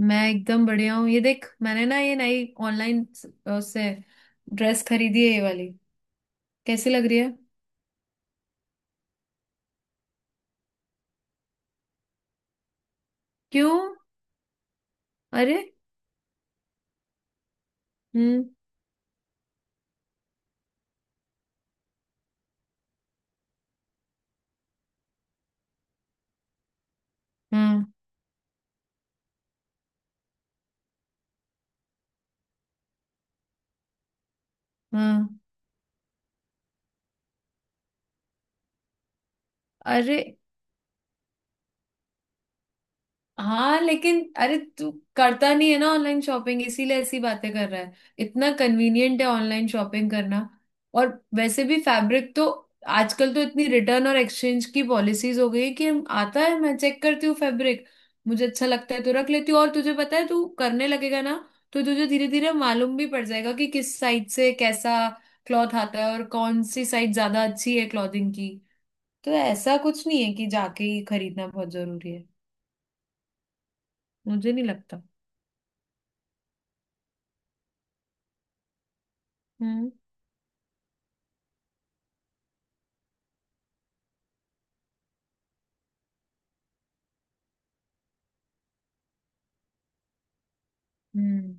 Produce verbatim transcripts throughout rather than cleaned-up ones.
मैं एकदम बढ़िया हूँ। ये देख मैंने ना ये नई ऑनलाइन उससे ड्रेस खरीदी है, ये वाली। कैसी लग रही है? क्यों? अरे। हम्म। हम्म। हम्म। अरे हाँ, लेकिन अरे तू करता नहीं है ना ऑनलाइन शॉपिंग, इसीलिए ऐसी बातें कर रहा है। इतना कन्वीनियंट है ऑनलाइन शॉपिंग करना। और वैसे भी फैब्रिक तो आजकल तो इतनी रिटर्न और एक्सचेंज की पॉलिसीज हो गई है कि हम आता है मैं चेक करती हूँ फैब्रिक। मुझे अच्छा लगता है तो रख लेती हूँ। और तुझे पता है तू करने लगेगा ना, तो तुझे धीरे धीरे मालूम भी पड़ जाएगा कि किस साइड से कैसा क्लॉथ आता है और कौन सी साइड ज्यादा अच्छी है क्लॉथिंग की। तो ऐसा कुछ नहीं है कि जाके ही खरीदना बहुत जरूरी है। मुझे नहीं लगता। हम्म। हम्म।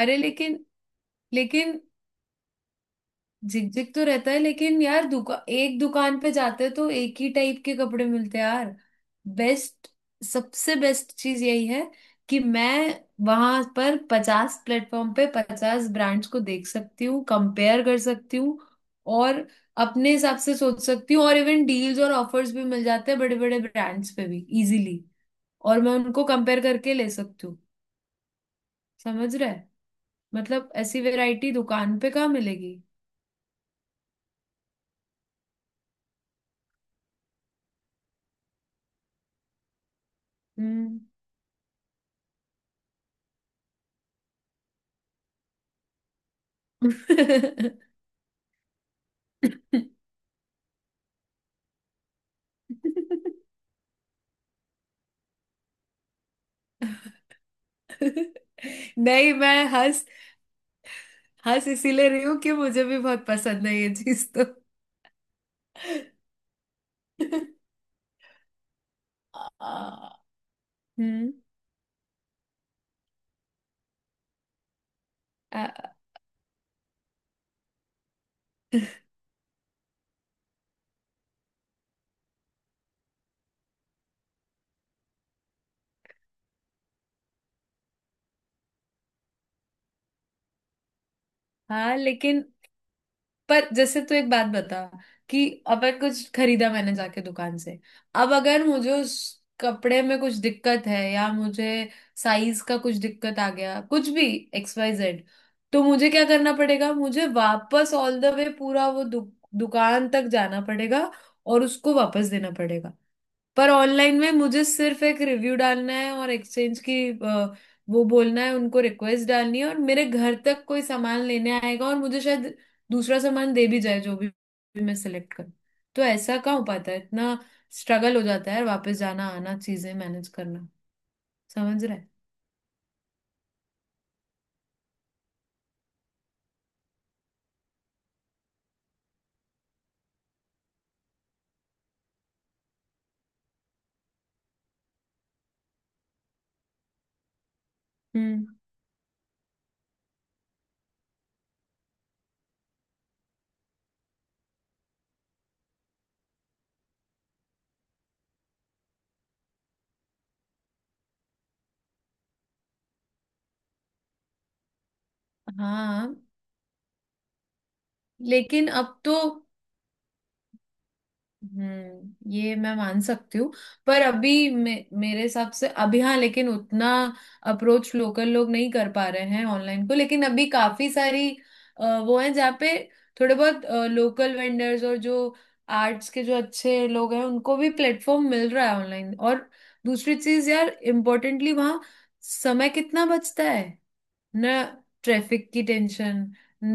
अरे लेकिन लेकिन झिकझिक तो रहता है, लेकिन यार दुका एक दुकान पे जाते हैं तो एक ही टाइप के कपड़े मिलते हैं यार। बेस्ट, सबसे बेस्ट चीज यही है कि मैं वहां पर पचास प्लेटफॉर्म पे पचास ब्रांड्स को देख सकती हूँ, कंपेयर कर सकती हूँ और अपने हिसाब से सोच सकती हूँ। और इवन डील्स और ऑफर्स भी मिल जाते हैं बड़े बड़े ब्रांड्स पे भी इजीली, और मैं उनको कंपेयर करके ले सकती हूँ। समझ रहे? मतलब ऐसी वैरायटी दुकान पे कहाँ मिलेगी। हम्म। नहीं, मैं हंस हंस इसीलिए रही हूँ कि मुझे भी बहुत पसंद है ये चीज तो। आ, हम्म। आ, हाँ लेकिन, पर जैसे तू एक बात बता कि अपन कुछ खरीदा मैंने जाके दुकान से। अब अगर मुझे उस कपड़े में कुछ दिक्कत है या मुझे साइज का कुछ दिक्कत आ गया, कुछ भी एक्स वाई जेड, तो मुझे क्या करना पड़ेगा? मुझे वापस ऑल द वे पूरा वो दु, दुकान तक जाना पड़ेगा और उसको वापस देना पड़ेगा। पर ऑनलाइन में मुझे सिर्फ एक रिव्यू डालना है और एक्सचेंज की अ, वो बोलना है उनको, रिक्वेस्ट डालनी है, और मेरे घर तक कोई सामान लेने आएगा और मुझे शायद दूसरा सामान दे भी जाए जो भी भी मैं सिलेक्ट करूँ। तो ऐसा कहाँ हो पाता है? इतना स्ट्रगल हो जाता है वापस जाना आना, चीजें मैनेज करना। समझ रहा है? हम्म। हाँ लेकिन अब तो, हम्म, ये मैं मान सकती हूँ। पर अभी मे, मेरे हिसाब से अभी, हाँ, लेकिन उतना अप्रोच लोकल लोग नहीं कर पा रहे हैं ऑनलाइन को, लेकिन अभी काफी सारी अ, वो हैं जहाँ पे थोड़े बहुत लोकल वेंडर्स और जो आर्ट्स के जो अच्छे लोग हैं, उनको भी प्लेटफॉर्म मिल रहा है ऑनलाइन। और दूसरी चीज यार इम्पोर्टेंटली वहाँ समय कितना बचता है ना। ट्रैफिक की टेंशन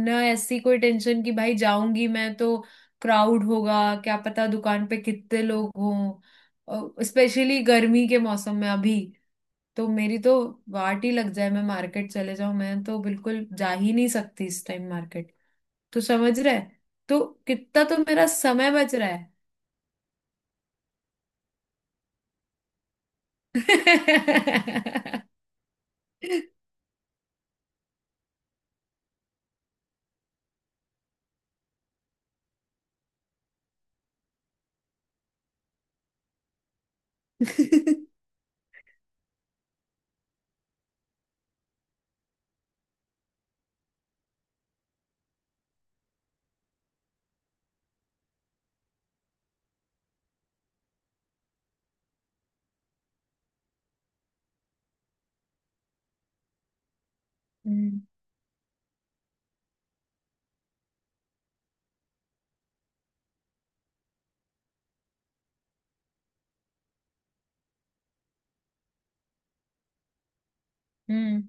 ना, ऐसी कोई टेंशन कि भाई जाऊंगी मैं तो क्राउड होगा, क्या पता दुकान पे कितने लोग हों, स्पेशली गर्मी के मौसम में अभी तो मेरी तो वाट ही लग जाए। मैं मार्केट चले जाऊं, मैं तो बिल्कुल जा ही नहीं सकती इस टाइम मार्केट। तो समझ रहा है? तो कितना तो मेरा समय बच रहा है। हम्म। हम्म।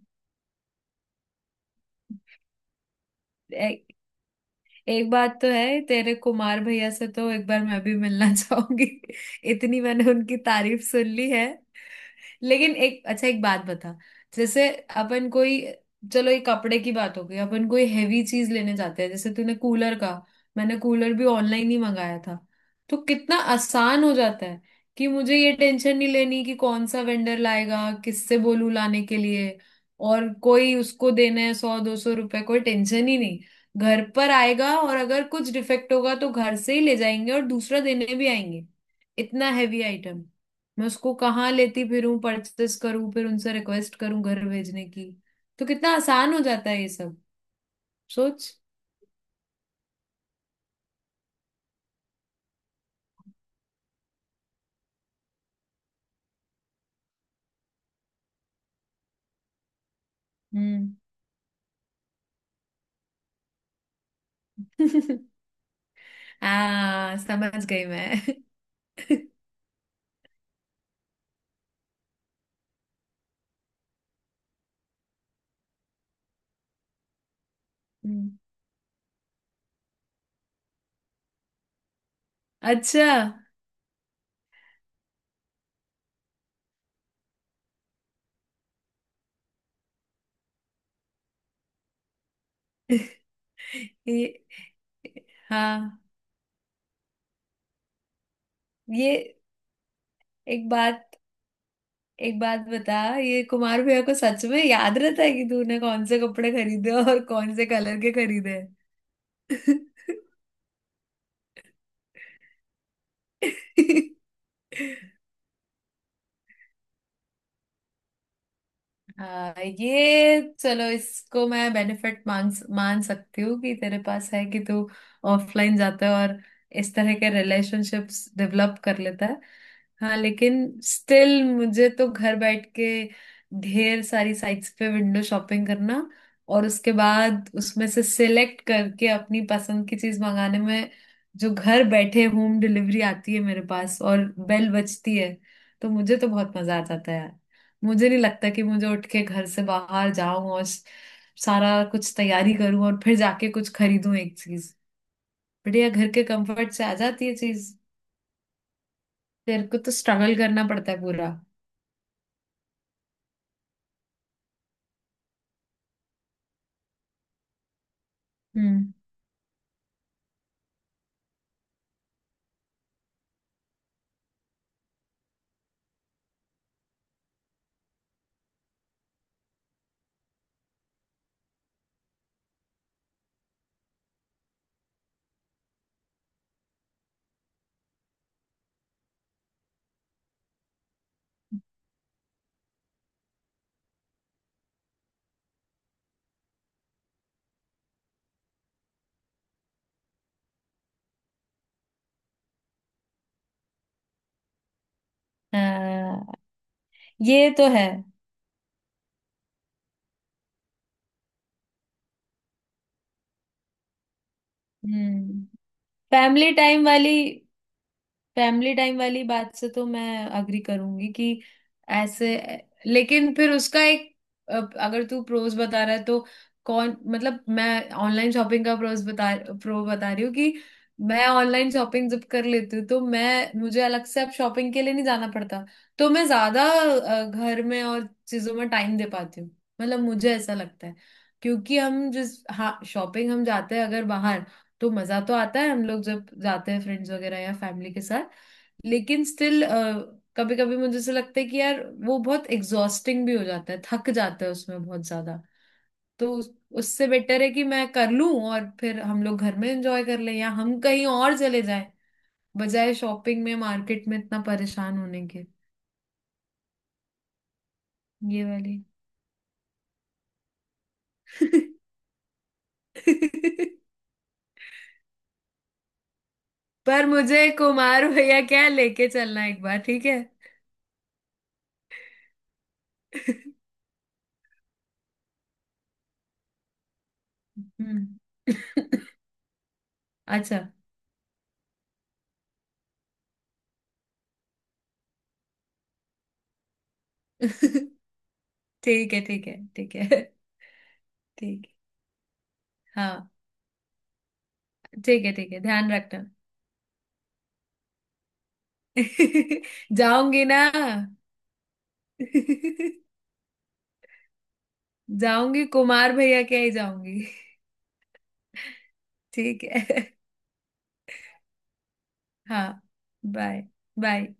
एक बात तो है, तेरे कुमार भैया से तो एक बार मैं भी मिलना चाहूंगी। इतनी मैंने उनकी तारीफ सुन ली है। लेकिन एक अच्छा, एक बात बता। जैसे अपन कोई, चलो ये कपड़े की बात हो गई, अपन कोई हैवी चीज लेने जाते हैं जैसे तूने कूलर का, मैंने कूलर भी ऑनलाइन ही मंगाया था। तो कितना आसान हो जाता है कि मुझे ये टेंशन नहीं लेनी कि कौन सा वेंडर लाएगा, किससे बोलूं लाने के लिए, और कोई उसको देना है सौ दो सौ रुपए, कोई टेंशन ही नहीं। घर पर आएगा और अगर कुछ डिफेक्ट होगा तो घर से ही ले जाएंगे और दूसरा देने भी आएंगे। इतना हैवी आइटम मैं उसको कहाँ लेती फिरूं? परचेस करूं फिर उनसे रिक्वेस्ट करूं घर भेजने की। तो कितना आसान हो जाता है ये सब, सोच। हम्म। आ समझ गई मैं। हम्म। अच्छा। ये हाँ, ये एक बात, एक बात बता। ये कुमार भैया को सच में याद रहता है कि तूने कौन से कपड़े खरीदे और कौन से कलर के खरीदे? हाँ, ये चलो इसको मैं बेनिफिट मान, मान सकती हूँ कि तेरे पास है, कि तू ऑफलाइन जाता है और इस तरह के रिलेशनशिप्स डेवलप कर लेता है। हाँ लेकिन स्टिल मुझे तो घर बैठ के ढेर सारी साइट्स पे विंडो शॉपिंग करना और उसके बाद उसमें से सिलेक्ट करके अपनी पसंद की चीज मंगाने में, जो घर बैठे होम डिलीवरी आती है मेरे पास और बेल बजती है, तो मुझे तो बहुत मजा आ जाता है। मुझे नहीं लगता कि मुझे उठ के घर से बाहर जाऊं और स- सारा कुछ तैयारी करूं और फिर जाके कुछ खरीदूं एक चीज। बढ़िया घर के कंफर्ट से आ जाती है चीज। तेरे को तो स्ट्रगल करना पड़ता है पूरा। हम्म। अ, ये तो है। हम्म। फैमिली टाइम वाली, फैमिली टाइम वाली बात से तो मैं अग्री करूंगी कि ऐसे, लेकिन फिर उसका एक, अब अगर तू प्रोज बता रहा है तो कौन मतलब मैं ऑनलाइन शॉपिंग का प्रोज बता, प्रो बता रही हूँ कि मैं ऑनलाइन शॉपिंग जब कर लेती हूँ तो मैं, मुझे अलग से अब शॉपिंग के लिए नहीं जाना पड़ता, तो मैं ज्यादा अ, घर में और चीजों में टाइम दे पाती हूँ। मतलब मुझे ऐसा लगता है, क्योंकि हम जिस, हाँ, शॉपिंग हम जाते हैं अगर बाहर तो मजा तो आता है, हम लोग जब जाते हैं फ्रेंड्स वगैरह या फैमिली के साथ, लेकिन स्टिल कभी कभी मुझे ऐसा लगता है कि यार वो बहुत एग्जॉस्टिंग भी हो जाता है, थक जाता है उसमें बहुत ज्यादा। तो उस- उससे बेटर है कि मैं कर लूं और फिर हम लोग घर में एंजॉय कर लें या हम कहीं और चले जाएं, बजाय शॉपिंग में मार्केट में इतना परेशान होने के। ये वाली। पर मुझे कुमार भैया क्या, लेके चलना एक बार, ठीक है। हम्म। अच्छा। ठीक है, ठीक है, ठीक है। ठीक है हाँ। ठीक है, ठीक है, ध्यान रखना। जाऊंगी ना। जाऊंगी कुमार भैया के ही जाऊंगी। ठीक है। हाँ। बाय। बाय।